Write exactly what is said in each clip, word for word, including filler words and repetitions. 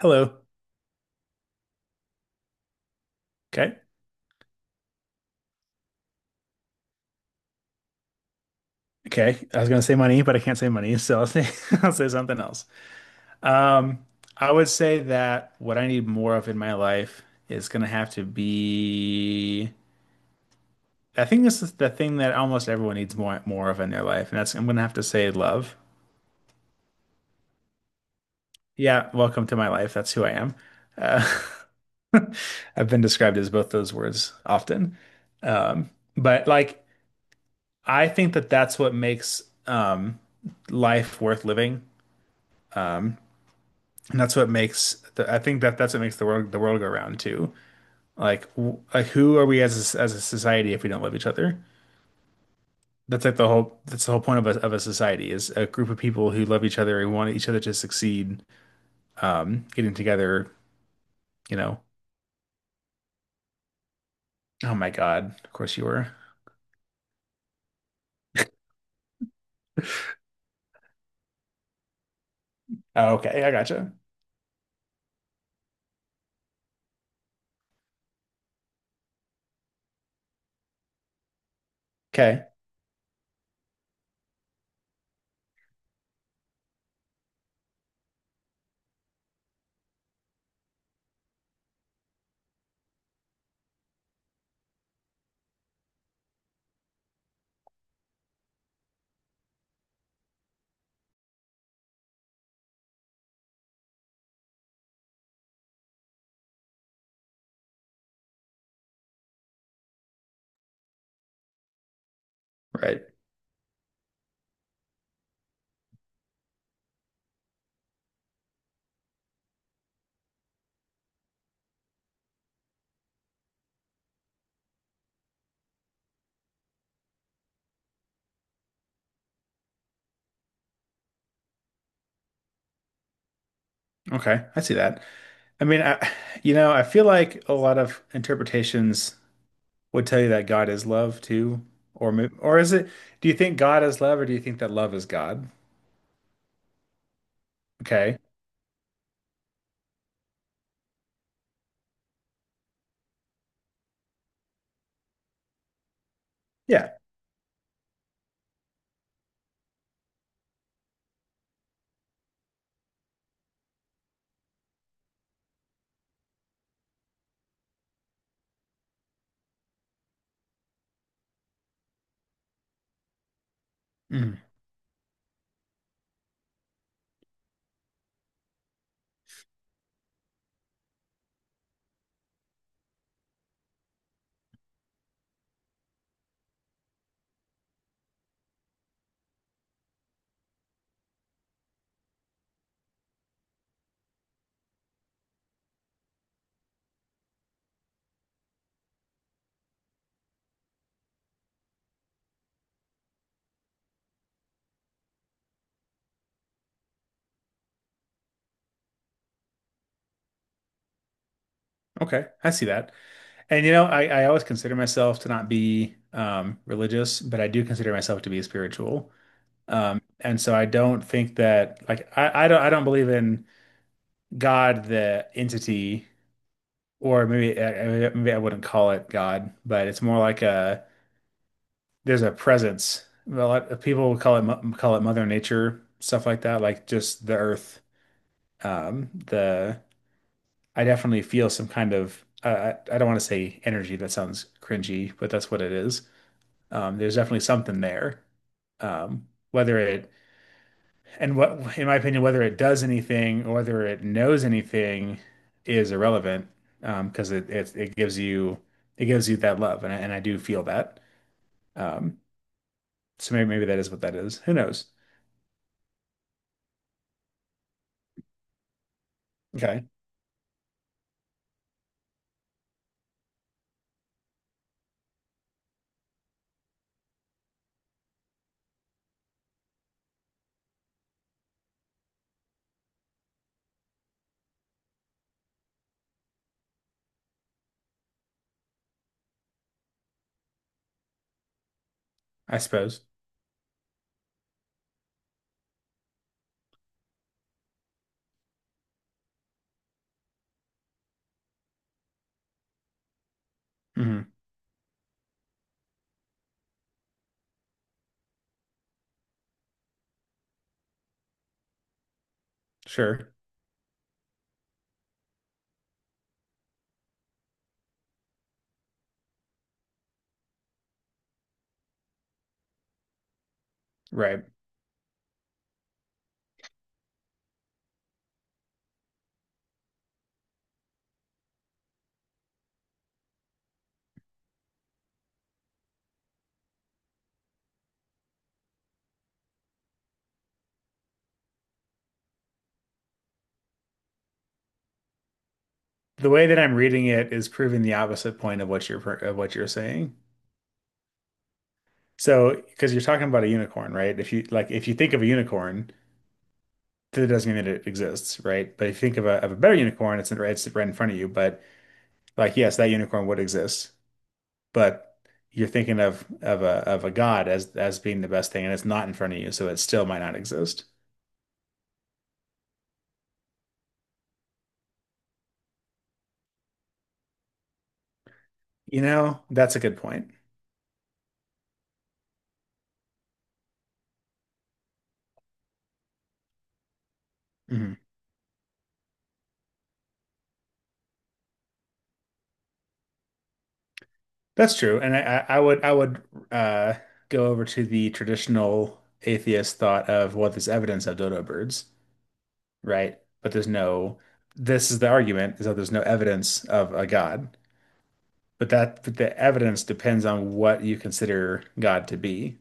Hello. Okay. Okay. I was gonna say money, but I can't say money, so I'll say I'll say something else. Um, I would say that what I need more of in my life is gonna have to be. I think this is the thing that almost everyone needs more more of in their life, and that's I'm gonna have to say love. Yeah, welcome to my life. That's who I am. Uh, I've been described as both those words often. Um, but like, I think that that's what makes um life worth living. Um, And that's what makes the, I think that that's what makes the world the world go round too. Like, like who are we as a, as a society if we don't love each other? That's like the whole that's the whole point of a of a society is a group of people who love each other and want each other to succeed, um, getting together, you know. Oh my God, of course you were. Oh, okay, I gotcha. Okay, right. Okay, I see that. I mean, I, you know, I feel like a lot of interpretations would tell you that God is love too, or may- or is it? Do you think God is love, or do you think that love is God? Okay, yeah. Mhm. Okay, I see that. And you know, I I always consider myself to not be um, religious, but I do consider myself to be spiritual. Um, and so I don't think that like I I don't I don't believe in God the entity, or maybe I, I- maybe I wouldn't call it God, but it's more like a there's a presence. Well, uh, people would call it mo- call it Mother Nature, stuff like that, like just the earth. Um, the I definitely feel some kind of uh, I I don't want to say energy. That sounds cringy, but that's what it is. Um, there's definitely something there. Um, whether it and what, in my opinion, whether it does anything or whether it knows anything is irrelevant. Um, because it, it it gives you it gives you that love, and I, and I do feel that. Um, so maybe maybe that is what that is. Who knows? Okay. I suppose. Hmm. Sure. Right. The way that I'm reading it is proving the opposite point of what you're per- of what you're saying. So, because you're talking about a unicorn, right? If you like, if you think of a unicorn, that doesn't mean that it exists, right? But if you think of a of a better unicorn, it's right, it's right in front of you. But like, yes, that unicorn would exist, but you're thinking of of a of a god as as being the best thing, and it's not in front of you, so it still might not exist. You know, that's a good point. Mm-hmm. That's true, and I, I I would I would uh, go over to the traditional atheist thought of well, there's evidence of dodo birds, right? But there's no. This is the argument is that there's no evidence of a God, but that but the evidence depends on what you consider God to be.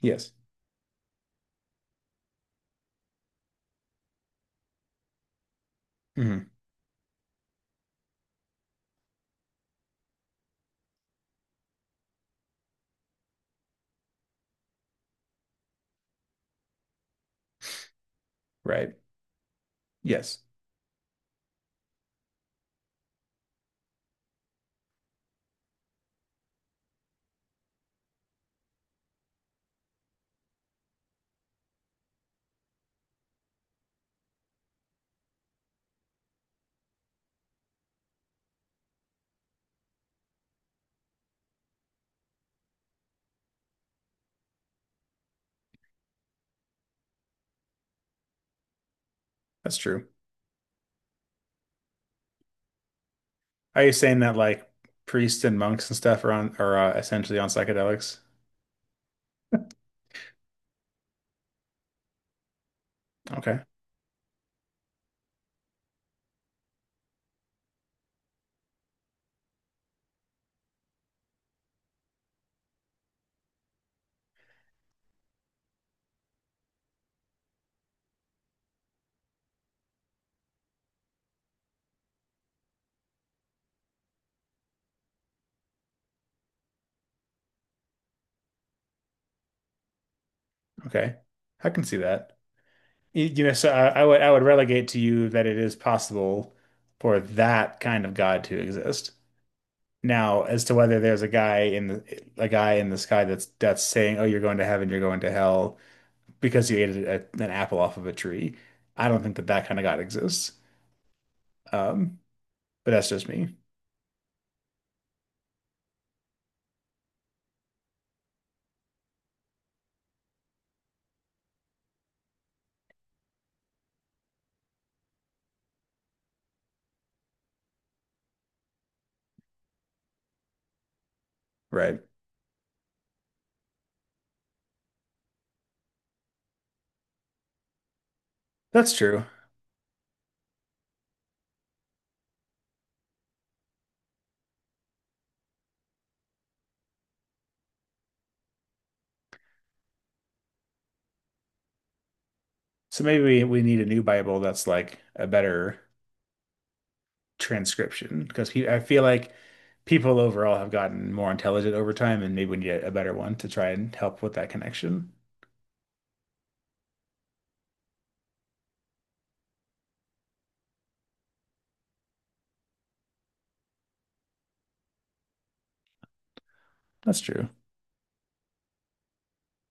Yes. Hmm. Right. Yes, that's true. Are you saying that like priests and monks and stuff are on are uh, essentially on psychedelics? Okay. Okay. I can see that. You you know, so I, I would I would relegate to you that it is possible for that kind of God to exist. Now, as to whether there's a guy in the a guy in the sky that's that's saying, "Oh, you're going to heaven, you're going to hell," because you ate a, an apple off of a tree, I don't think that that kind of God exists. Um, but that's just me, right? That's true. So maybe we, we need a new Bible that's like a better transcription because pe I feel like people overall have gotten more intelligent over time, and maybe we need a better one to try and help with that connection. That's true.